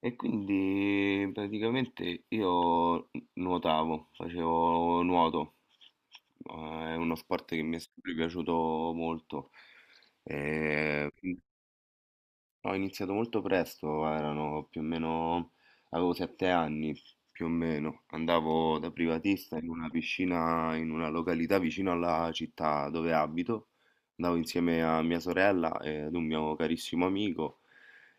E quindi praticamente io nuotavo, facevo nuoto, è uno sport che mi è sempre piaciuto molto. Eh, Ho iniziato molto presto, erano più o meno, avevo 7 anni più o meno, andavo da privatista in una piscina in una località vicino alla città dove abito, andavo insieme a mia sorella e ad un mio carissimo amico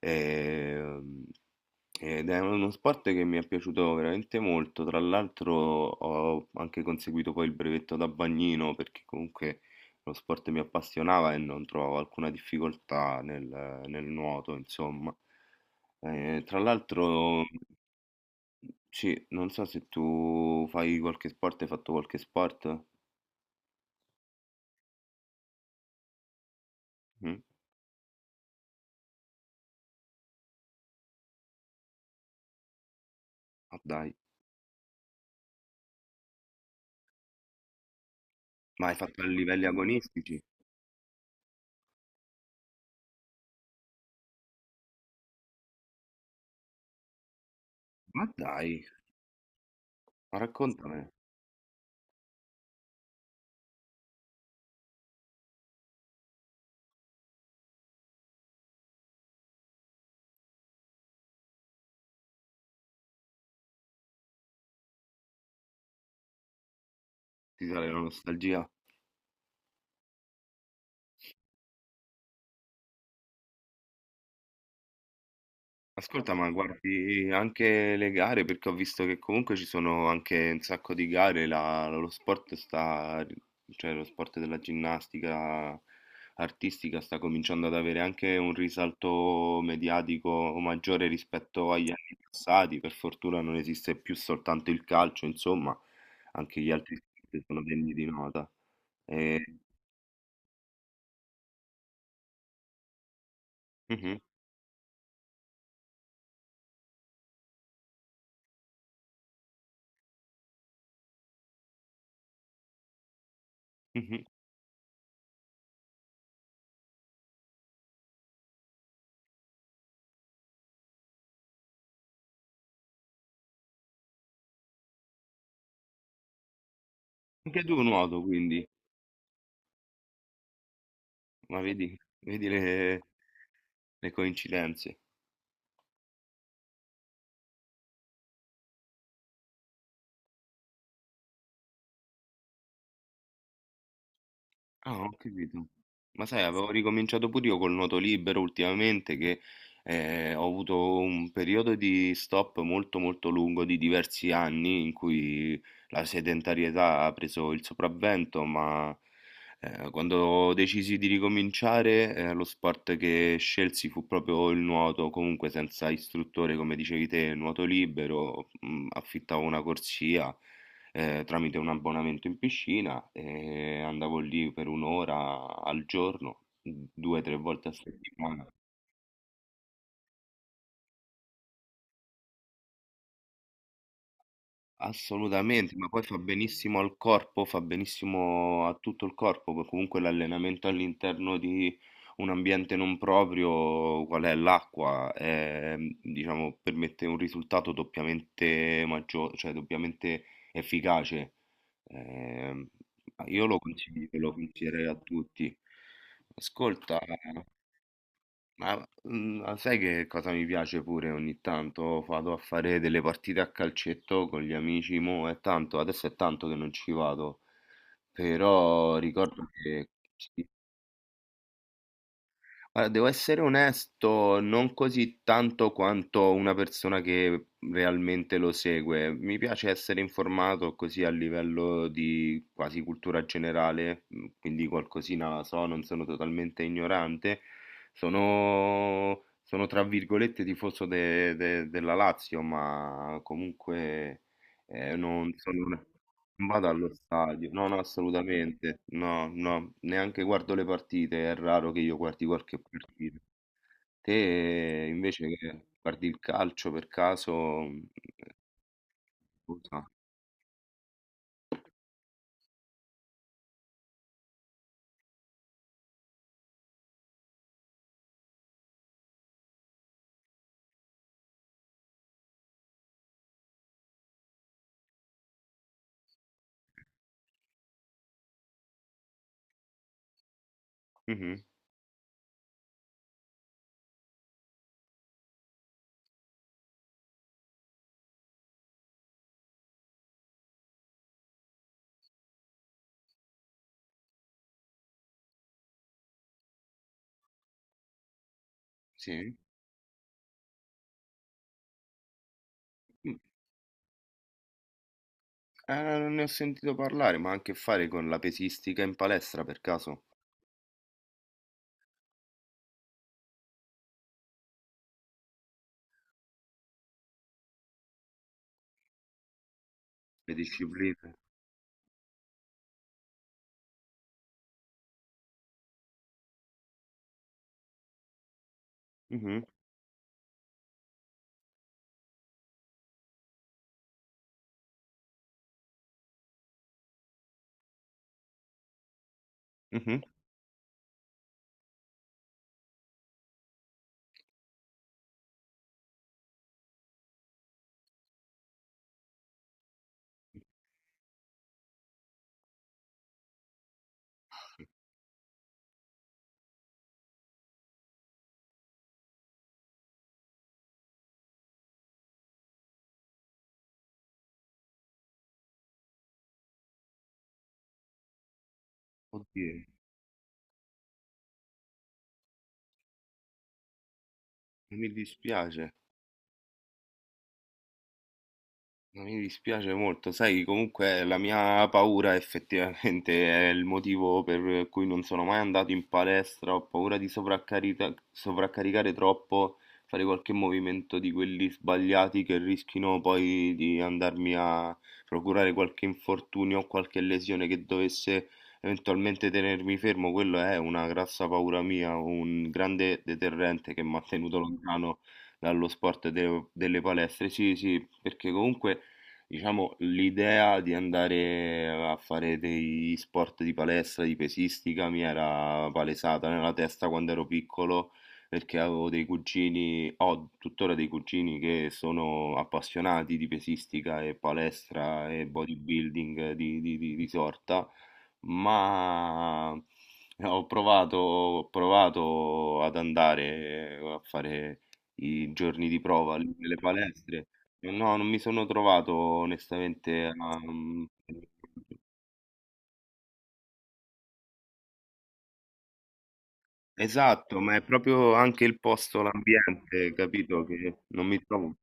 e- ed è uno sport che mi è piaciuto veramente molto, tra l'altro ho anche conseguito poi il brevetto da bagnino, perché comunque lo sport mi appassionava e non trovavo alcuna difficoltà nel, nel nuoto, insomma. Tra l'altro, sì, non so se tu fai qualche sport, hai fatto qualche sport? Mm? Ma dai, ma hai fatto a livelli agonistici? Ma dai, ma raccontami, ti sale la nostalgia. Ascolta, ma guardi anche le gare, perché ho visto che comunque ci sono anche un sacco di gare, lo sport sta, cioè lo sport della ginnastica artistica sta cominciando ad avere anche un risalto mediatico maggiore rispetto agli anni passati, per fortuna non esiste più soltanto il calcio, insomma, anche gli altri sport sono degni di nota. E- Mhm, mhm. Anche tu nuoto, quindi, ma vedi, vedi le coincidenze. Ah, ho capito. Ma sai, avevo ricominciato pure io col nuoto libero ultimamente, che ho avuto un periodo di stop molto molto lungo di diversi anni in cui la sedentarietà ha preso il sopravvento, ma quando decisi di ricominciare, lo sport che scelsi fu proprio il nuoto, comunque senza istruttore, come dicevi te, nuoto libero. Affittavo una corsia tramite un abbonamento in piscina e andavo lì per un'ora al giorno, due o tre volte a settimana. Assolutamente, ma poi fa benissimo al corpo, fa benissimo a tutto il corpo, poi comunque l'allenamento all'interno di un ambiente non proprio, qual è l'acqua, diciamo, permette un risultato doppiamente maggiore, cioè doppiamente efficace. Ehm, io lo consiglio, lo consiglierei a tutti. Ascolta, ma sai che cosa mi piace pure ogni tanto? Vado a fare delle partite a calcetto con gli amici, mo è tanto, adesso è tanto che non ci vado, però ricordo che sì. Allora, devo essere onesto, non così tanto quanto una persona che realmente lo segue. Mi piace essere informato così a livello di quasi cultura generale, quindi qualcosina la so, non sono totalmente ignorante. Sono tra virgolette tifoso della Lazio, ma comunque non sono una- non vado allo stadio, no, no, assolutamente, no, no, neanche guardo le partite, è raro che io guardi qualche partita. Te invece che guardi il calcio per caso... cosa? Mhm, sì. Mm, non ne ho sentito parlare, ma ha a che fare con la pesistica in palestra per caso? Le discipline? Mhm, mhm. Oddio, mi dispiace. Ma mi dispiace molto, sai, comunque la mia paura effettivamente è il motivo per cui non sono mai andato in palestra, ho paura di sovraccaricare troppo, fare qualche movimento di quelli sbagliati che rischino poi di andarmi a procurare qualche infortunio o qualche lesione che dovesse eventualmente tenermi fermo, quello è una grassa paura mia, un grande deterrente che mi ha tenuto lontano dallo sport delle palestre. Sì, sì, perché comunque diciamo, l'idea di andare a fare degli sport di palestra, di pesistica, mi era palesata nella testa quando ero piccolo, perché avevo dei cugini, ho tuttora dei cugini che sono appassionati di pesistica e palestra e bodybuilding di sorta, ma ho provato ad andare a fare i giorni di prova lì nelle palestre. No, non mi sono trovato onestamente. Esatto, ma è proprio anche il posto, l'ambiente, capito? Che non mi trovo.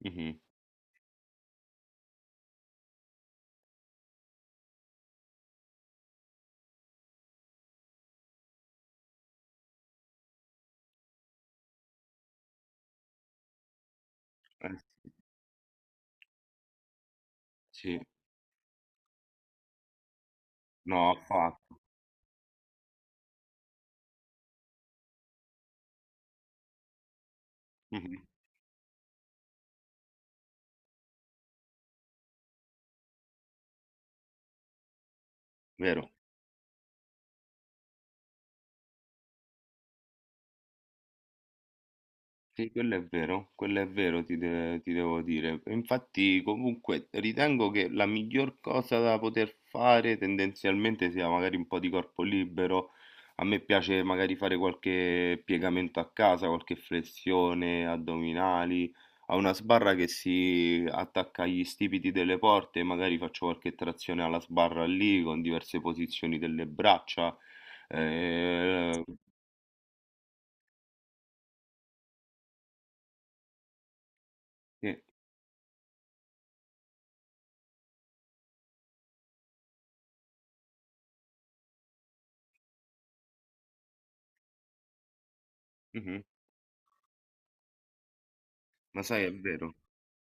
Mhm. Eh, sì, sì. No, affatto. Mhm. Vero. Sì, quello è vero, ti devo dire. Infatti, comunque, ritengo che la miglior cosa da poter fare tendenzialmente sia magari un po' di corpo libero. A me piace magari fare qualche piegamento a casa, qualche flessione, addominali. Ho una sbarra che si attacca agli stipiti delle porte, magari faccio qualche trazione alla sbarra lì con diverse posizioni delle braccia. Eh, sì, mhm. Ma sai, è vero.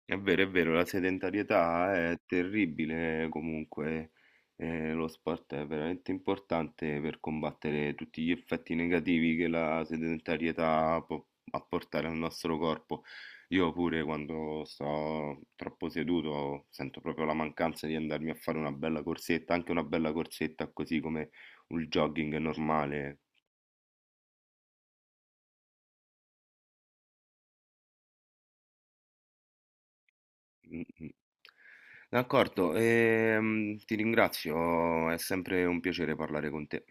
È vero, è vero, la sedentarietà è terribile, comunque lo sport è veramente importante per combattere tutti gli effetti negativi che la sedentarietà può apportare al nostro corpo. Io pure quando sto troppo seduto sento proprio la mancanza di andarmi a fare una bella corsetta, anche una bella corsetta così come un jogging normale. Mm, mm. D'accordo, ti ringrazio, è sempre un piacere parlare con te.